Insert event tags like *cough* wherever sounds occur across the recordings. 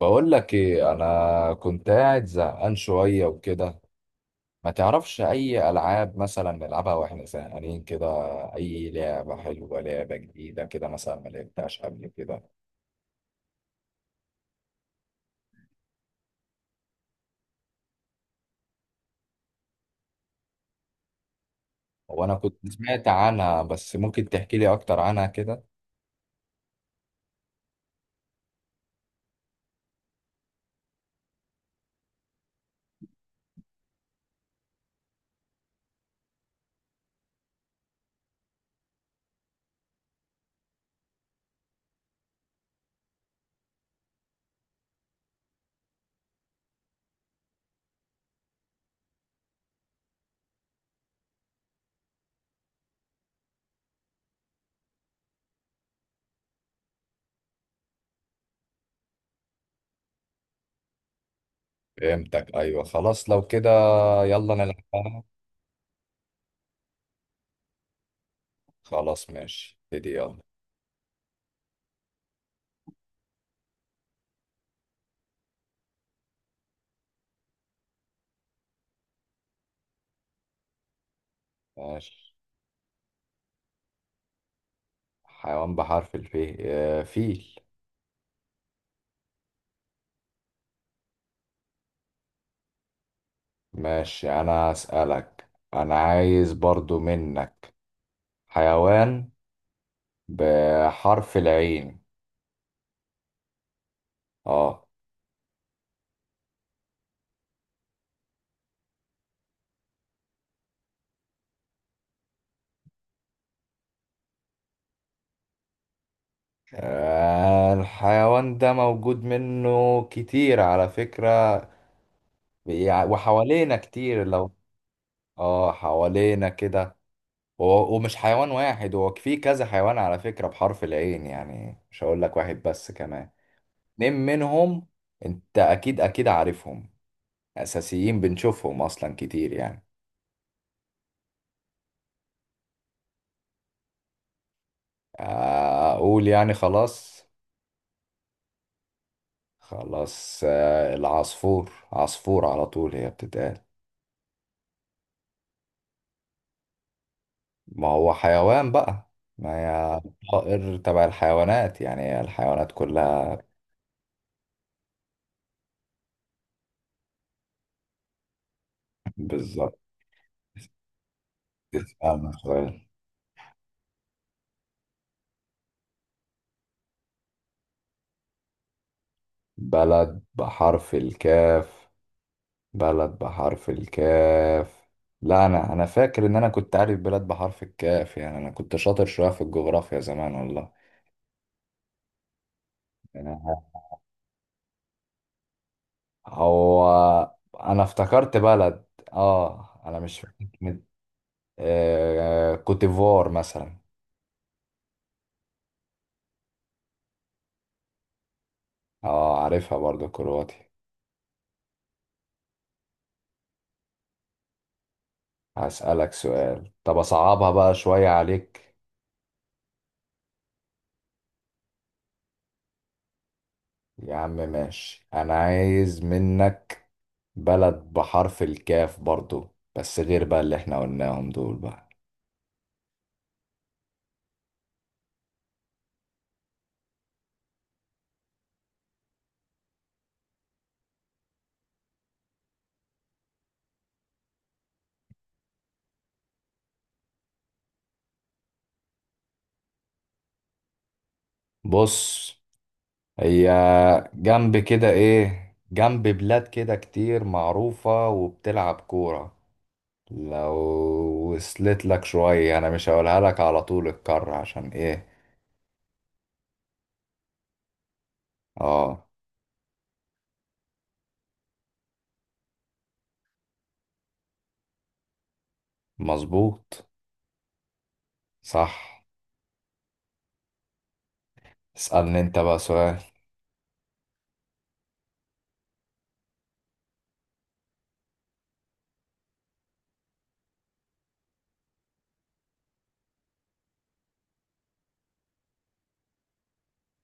بقول لك ايه، انا كنت قاعد زهقان شويه وكده. ما تعرفش اي العاب مثلا نلعبها واحنا زهقانين كده؟ اي لعبه حلوه، لعبه جديده كده مثلا ما لعبتهاش قبل كده. هو انا كنت سمعت عنها، بس ممكن تحكي لي اكتر عنها كده؟ فهمتك، ايوه خلاص لو كده يلا نلعبها. خلاص ماشي، ابتدي يلا. ماشي. حيوان بحرف الف، فيل. ماشي انا اسالك. انا عايز برضو منك حيوان بحرف العين. اه. الحيوان ده موجود منه كتير على فكرة، وحوالينا كتير لو. اه، حوالينا كده. ومش حيوان واحد، هو في كذا حيوان على فكرة بحرف العين، يعني مش هقول لك واحد بس، كمان اتنين منهم. انت اكيد عارفهم، اساسيين بنشوفهم اصلا كتير يعني. اقول يعني؟ خلاص. خلاص، العصفور، عصفور على طول هي بتتقال. ما هو حيوان بقى، ما هي طائر تبع الحيوانات يعني، هي الحيوانات كلها. بالظبط. اسألنا سؤال. بلد بحرف الكاف. بلد بحرف الكاف. لا انا فاكر ان انا كنت عارف بلاد بحرف الكاف، يعني انا كنت شاطر شوية في الجغرافيا زمان والله. يعني. هو انا افتكرت بلد. اه انا مش فاكر. كوتيفوار مثلا. اه عارفها برضو، كرواتي. هسألك سؤال، طب أصعبها بقى شوية عليك. يا عم ماشي، أنا عايز منك بلد بحرف الكاف برضو، بس غير بقى اللي احنا قلناهم دول بقى. بص، هي جنب كده، ايه، جنب بلاد كده كتير معروفة وبتلعب كورة. لو وصلت لك شوية أنا مش هقولها لك على طول الكر، عشان ايه. اه مظبوط. صح. اسألني انت بقى سؤال.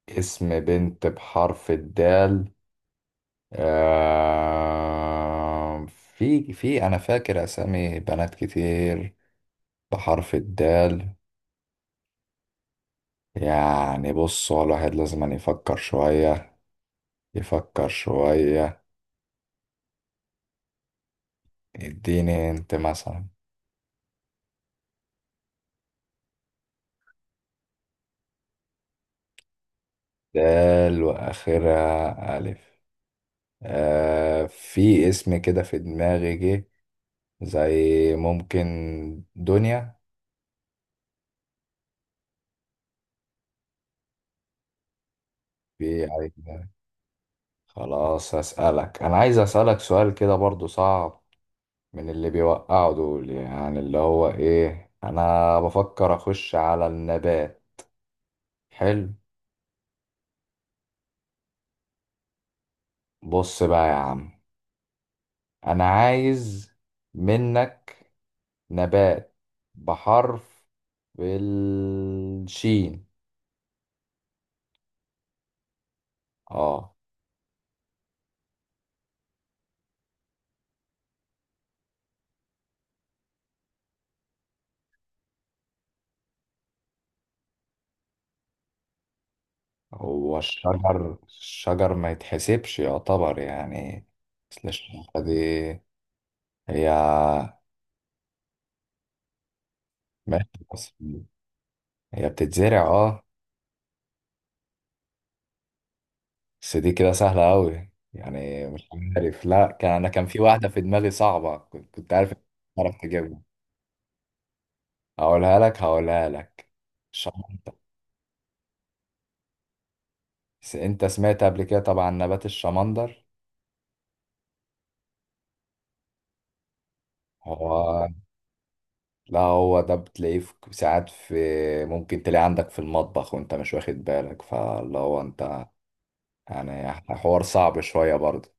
اسم بنت بحرف الدال. آه، في أنا فاكر أسامي بنات كتير بحرف الدال، يعني بص هو الواحد لازم أن يفكر شوية. يفكر شوية. اديني انت مثلا. دال وآخرها ألف. آه، في اسم كده في دماغي جه، زي ممكن دنيا. في. خلاص هسألك، أنا عايز أسألك سؤال كده برضو صعب من اللي بيوقعوا دول، يعني اللي هو إيه، أنا بفكر أخش على النبات. حلو. بص بقى يا عم، أنا عايز منك نبات بحرف، بالشين. اه. هو الشجر، الشجر ما يتحسبش يعتبر يعني. أصل الشجرة دي هي. ماشي، بس هي بتتزرع اه. بس دي كده سهلة أوي يعني، مش عارف. لا كان أنا كان في واحدة في دماغي صعبة، كنت عارف إنك هتعرف تجيبها. هقولها لك. الشمندر. بس أنت سمعت قبل كده طبعا نبات الشمندر. هو، لا هو ده بتلاقيه في ساعات، في ممكن تلاقيه عندك في المطبخ وأنت مش واخد بالك، فاللي هو أنت يعني حوار صعب شوية برضه.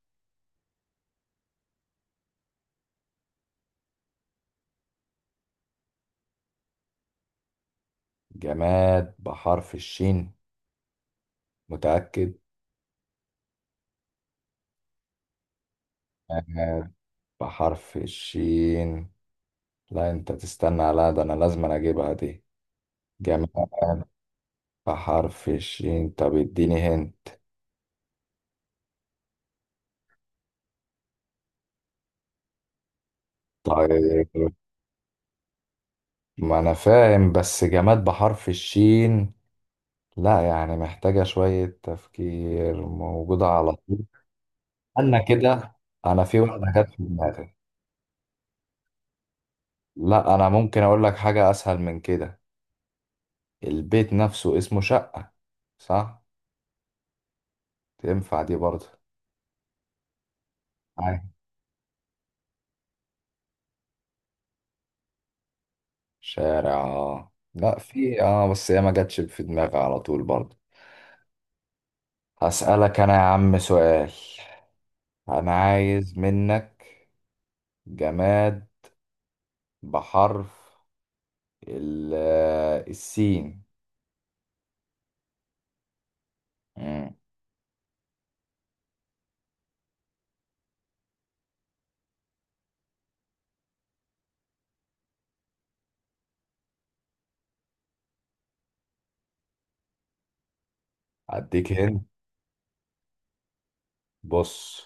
جماد بحرف الشين. متأكد. جماد بحرف الشين. لا انت تستنى، لا ده انا لازم أنا اجيبها دي. جمال بحرف الشين. طب اديني هن. طيب. ما انا فاهم، بس جماد بحرف الشين لا يعني محتاجة شوية تفكير، موجودة على طول. انا كده، انا في واحدة جت في دماغي. لا انا ممكن اقول لك حاجة اسهل من كده، البيت نفسه اسمه شقة. صح؟ تنفع دي برضه؟ عادي. شارع، اه لا في، اه بس هي ما جاتش في دماغي على طول برضه. هسألك أنا يا عم سؤال، أنا عايز منك جماد بحرف السين. مم. أديك هنا. بص،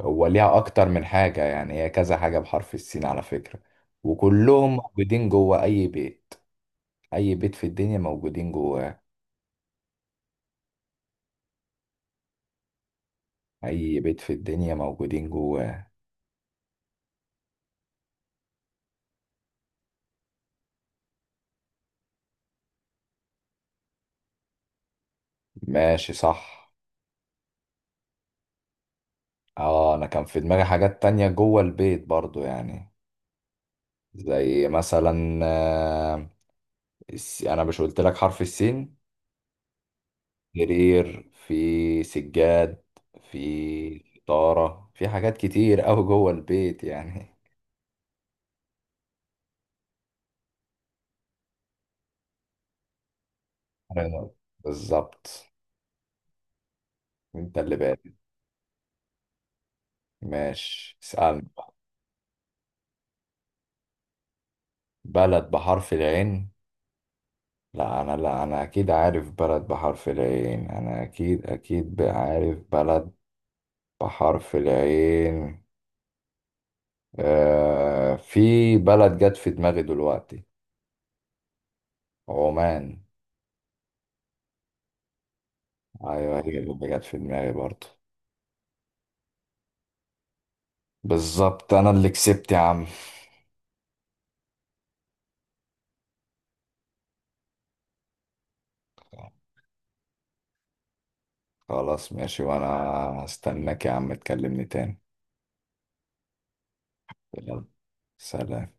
هو ليها أكتر من حاجة يعني، هي كذا حاجة بحرف السين على فكرة، وكلهم موجودين جوه أي بيت. أي بيت في الدنيا موجودين جواه. أي بيت في الدنيا موجودين جواه. ماشي صح. اه أنا كان في دماغي حاجات تانية جوه البيت برضو يعني. زي مثلا انا مش قلت لك حرف السين؟ سرير، في سجاد، في طارة، في حاجات كتير قوي جوه البيت يعني. *laughs* أنا- بالظبط. انت اللي بادئ. ماشي اسألني. بلد بحرف العين. لا انا، لا انا اكيد عارف بلد بحرف العين انا اكيد اكيد عارف بلد بحرف العين. آه في بلد جت في دماغي دلوقتي. عمان. ايوه، هي اللي جت في دماغي برضه. بالظبط، انا اللي كسبت يا عم. خلاص ماشي، وانا هستناك يا عم تكلمني تاني. يلا، سلام.